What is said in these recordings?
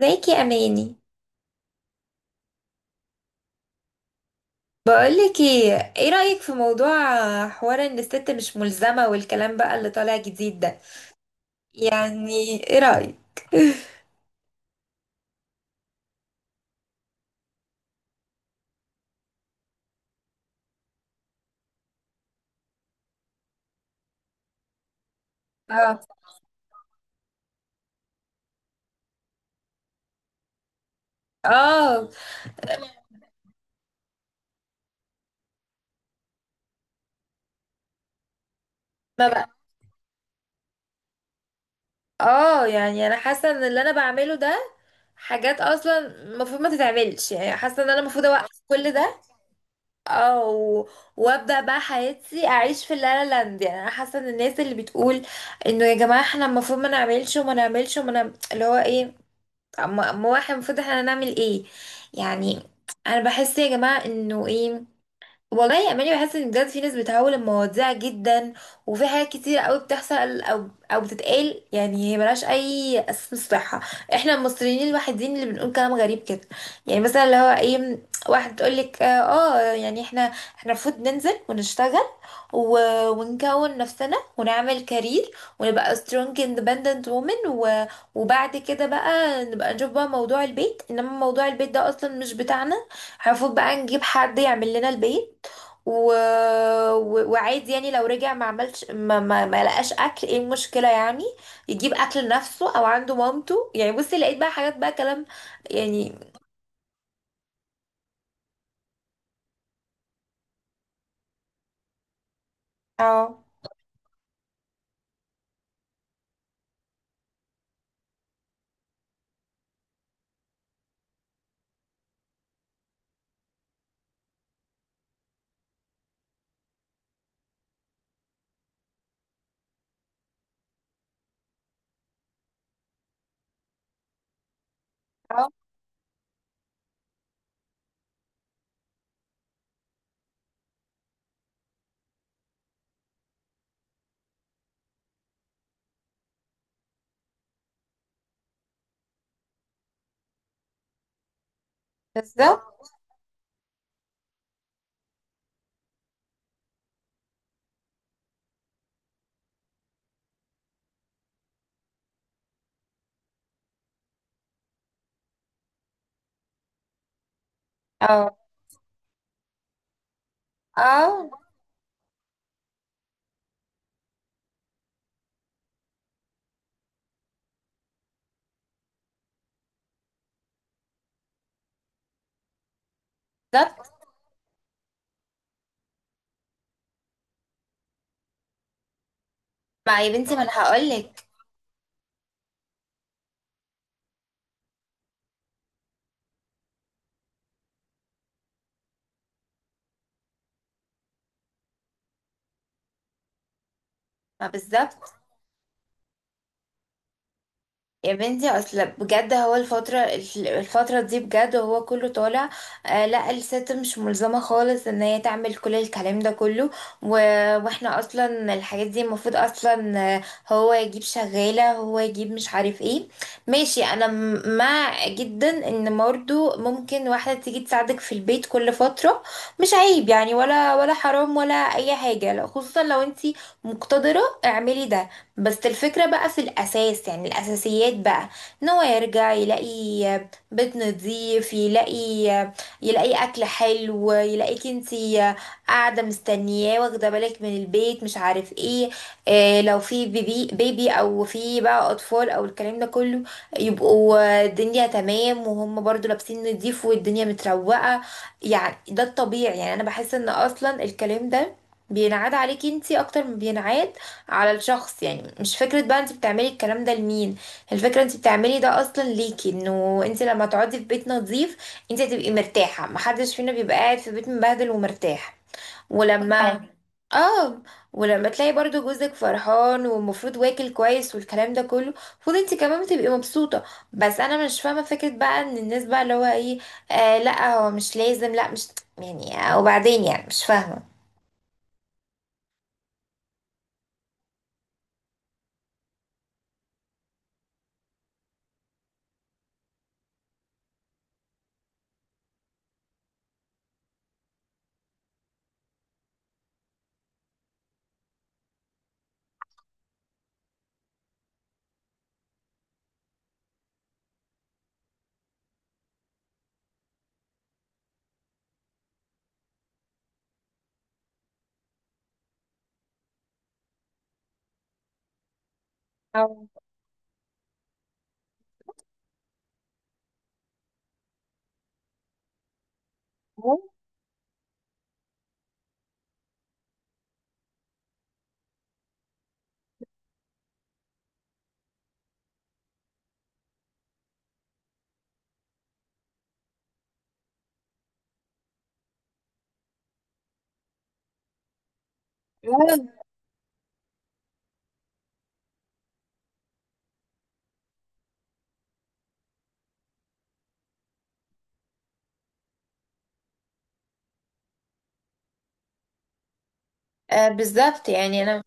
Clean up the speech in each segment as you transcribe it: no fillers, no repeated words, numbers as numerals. ازيك يا اماني؟ بقولك ايه، ايه رأيك في موضوع حوار ان الست مش ملزمة والكلام بقى اللي طالع جديد ده؟ يعني ايه رأيك؟ اه. اه. ما بقى اه يعني انا حاسة ان اللي انا بعمله ده حاجات اصلا المفروض ما تتعملش، يعني حاسة ان انا المفروض اوقف كل ده. اه، وابدأ بقى حياتي اعيش في اللا لا لاند. يعني انا حاسة ان الناس اللي بتقول انه يا جماعة احنا المفروض ما نعملش وما نعمل اللي هو ايه، أما هو احنا المفروض احنا هنعمل ايه يعني؟ انا بحس يا جماعه انه ايه، والله يا اماني بحس ان بجد في ناس بتهول المواضيع جدا، وفي حاجات كتير قوي بتحصل او بتتقال يعني هي ملهاش اي اساس صحه. احنا المصريين الوحيدين اللي بنقول كلام غريب كده. يعني مثلا اللي هو ايه، واحد تقول لك اه، يعني احنا المفروض ننزل ونشتغل، و... ونكون نفسنا ونعمل كارير، ونبقى strong independent woman، و... وبعد كده بقى نبقى نشوف بقى موضوع البيت. انما موضوع البيت ده اصلا مش بتاعنا، المفروض بقى نجيب حد يعمل لنا البيت، و... و... وعادي يعني لو رجع ما عملش ما, ما... ما لقاش اكل ايه المشكله يعني، يجيب اكل لنفسه او عنده مامته. يعني بصي لقيت بقى حاجات بقى كلام يعني. اه. اه، بالظبط. اه. اه، بالظبط. ما يا بنتي ما انا هقول لك. ما بالظبط. يا بنتي اصل بجد هو الفترة، الفترة دي بجد هو كله طالع آه، لا الست مش ملزمة خالص ان هي تعمل كل الكلام ده كله، و... واحنا اصلا الحاجات دي المفروض اصلا هو يجيب شغالة، هو يجيب مش عارف ايه. ماشي، انا مع جدا ان برضه ممكن واحدة تيجي تساعدك في البيت كل فترة، مش عيب يعني ولا حرام ولا اي حاجة، لا، خصوصا لو انتي مقتدرة اعملي ده. بس الفكرة بقى في الأساس، يعني الأساسيات بقى، إن هو يرجع يلاقي بيت نظيف، يلاقي أكل حلو، يلاقيك انتي قاعدة مستنياه واخدة بالك من البيت مش عارف ايه. آه، لو في بيبي أو في بقى أطفال أو الكلام ده كله يبقوا الدنيا تمام، وهم برضو لابسين نضيف والدنيا متروقة. يعني ده الطبيعي. يعني أنا بحس إن أصلا الكلام ده بينعاد عليكي انتي أكتر ما بينعاد على الشخص. يعني مش فكرة بقى انت بتعملي الكلام ده لمين، الفكرة انت بتعملي ده اصلا ليكي، انه انت لما تقعدي في بيت نظيف انت هتبقي مرتاحة. محدش فينا بيبقى قاعد في بيت مبهدل ومرتاح ولما حلو. اه، ولما تلاقي برضو جوزك فرحان والمفروض واكل كويس والكلام ده كله، المفروض انت كمان بتبقي مبسوطة. بس انا مش فاهمة فكرة بقى ان الناس بقى اللي هو ايه، آه لا هو مش لازم، لا مش يعني آه، وبعدين يعني مش فاهمة. أو- لا، لا، آه بالظبط. يعني انا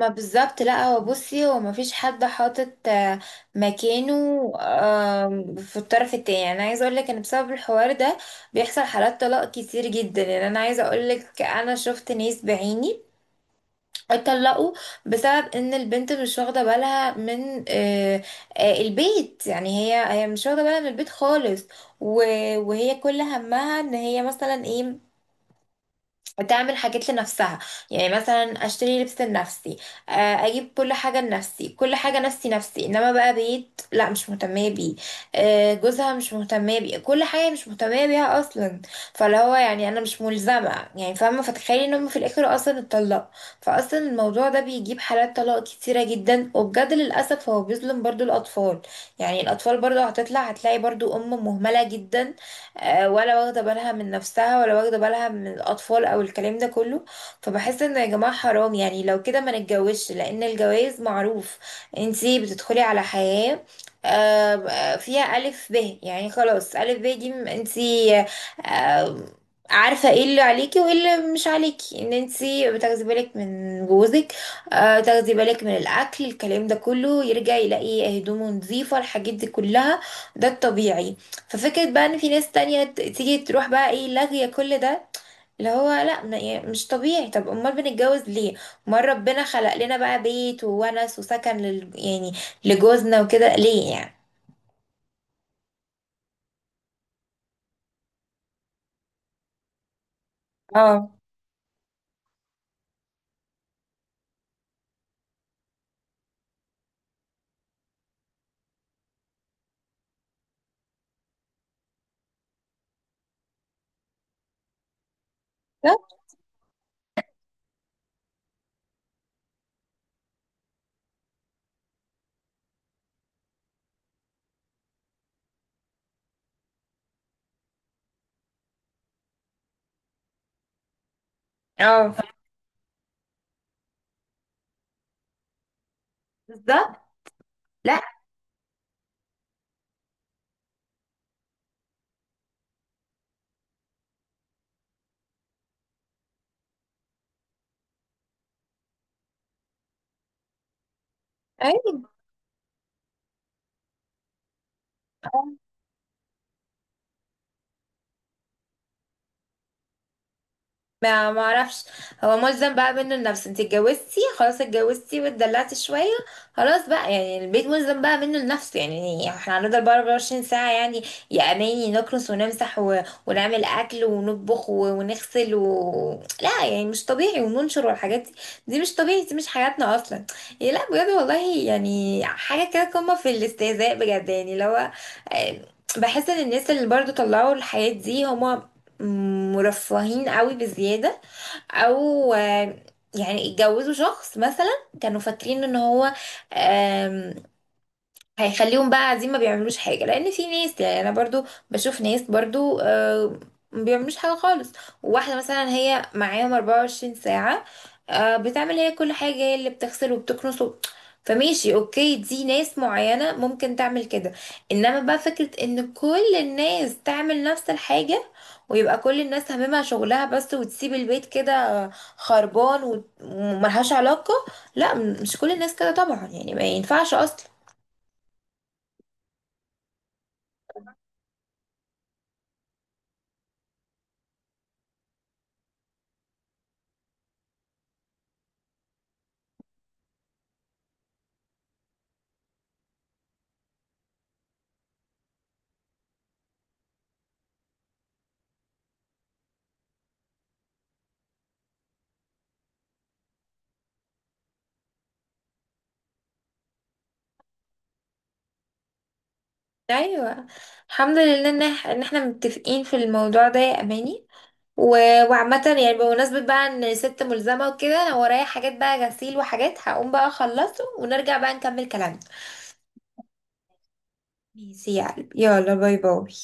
ما بالظبط، لا هو بصي هو ما فيش حد حاطط مكانه في الطرف التاني. يعني انا عايزه اقول لك ان بسبب الحوار ده بيحصل حالات طلاق كتير جدا. يعني انا عايزه اقول لك انا شفت ناس بعيني اتطلقوا بسبب ان البنت مش واخده بالها من البيت. يعني هي مش واخده بالها من البيت خالص، وهي كل همها ان هي مثلا ايه، تعمل حاجات لنفسها. يعني مثلا اشتري لبس لنفسي، اجيب كل حاجه لنفسي، كل حاجه نفسي نفسي، انما بقى بيت لا، مش مهتمه بيه. آه، جوزها مش مهتمه بيه، كل حاجه مش مهتمه بيها اصلا. فاللي هو يعني انا مش ملزمه يعني، فاهمه؟ فتخيلي انهم في الاخر اصلا اتطلقوا. فاصلا الموضوع ده بيجيب حالات طلاق كتيره جدا، وبجد للاسف هو بيظلم برضو الاطفال. يعني الاطفال برضو هتطلع هتلاقي برضو ام مهمله جدا، ولا واخده بالها من نفسها ولا واخده بالها من الاطفال او الكلام ده كله. فبحس انه يا جماعه حرام. يعني لو كده ما نتجوزش، لان الجواز معروف انتي بتدخلي على حياه فيها ألف ب. يعني خلاص، ألف ب دي انتي آه، عارفة ايه اللي عليكي وايه اللي مش عليكي، ان انتي بتاخدي بالك من جوزك، تاخدي بالك من الأكل، الكلام ده كله، يرجع يلاقي هدومه نظيفة، الحاجات دي كلها. ده الطبيعي. ففكرة بقى ان في ناس تانية تيجي تروح بقى ايه لاغية كل ده، اللي هو لا يعني مش طبيعي. طب امال بنتجوز ليه؟ امال ربنا خلق لنا بقى بيت وونس وسكن لل يعني لجوزنا وكده ليه يعني؟ اه. اه. ف- بالظبط. لا. ايوه. ما ما اعرفش. هو ملزم بقى منه لنفسه. انت اتجوزتي خلاص، اتجوزتي واتدلعتي شويه، خلاص بقى يعني البيت ملزم بقى منه لنفسه. يعني احنا هنفضل بقى 24 ساعه يعني يا اماني نكنس ونمسح، و... ونعمل اكل ونطبخ، و... ونغسل، و... لا يعني مش طبيعي، وننشر والحاجات دي. دي مش طبيعي، دي مش حياتنا اصلا. يعني لا بجد والله، يعني حاجه كده قمه في الاستهزاء بجد. يعني اللي هو آه، بحس ان الناس اللي برضو طلعوا الحياة دي هما مرفهين قوي بزيادة، او يعني اتجوزوا شخص مثلا كانوا فاكرين ان هو آم، هيخليهم بقى قاعدين ما بيعملوش حاجة. لأن في ناس، يعني أنا برضو بشوف ناس برضو ما بيعملوش حاجة خالص، وواحدة مثلا هي معاهم 24 ساعة، بتعمل هي كل حاجة، هي اللي بتغسل وبتكنس. فماشي اوكي، دي ناس معينة ممكن تعمل كده، انما بقى فكرة ان كل الناس تعمل نفس الحاجة، ويبقى كل الناس هممها شغلها بس، وتسيب البيت كده خربان وملهاش علاقة، لا، مش كل الناس كده طبعا يعني، ما ينفعش اصلا. ايوه. الحمد لله ان إن احنا متفقين في الموضوع ده يا اماني. و... وعامة يعني بمناسبة بقى ان ست ملزمة وكده، انا ورايا حاجات بقى غسيل وحاجات هقوم بقى اخلصه، ونرجع بقى نكمل كلامنا. ماشي يا قلبي، يلا باي باي.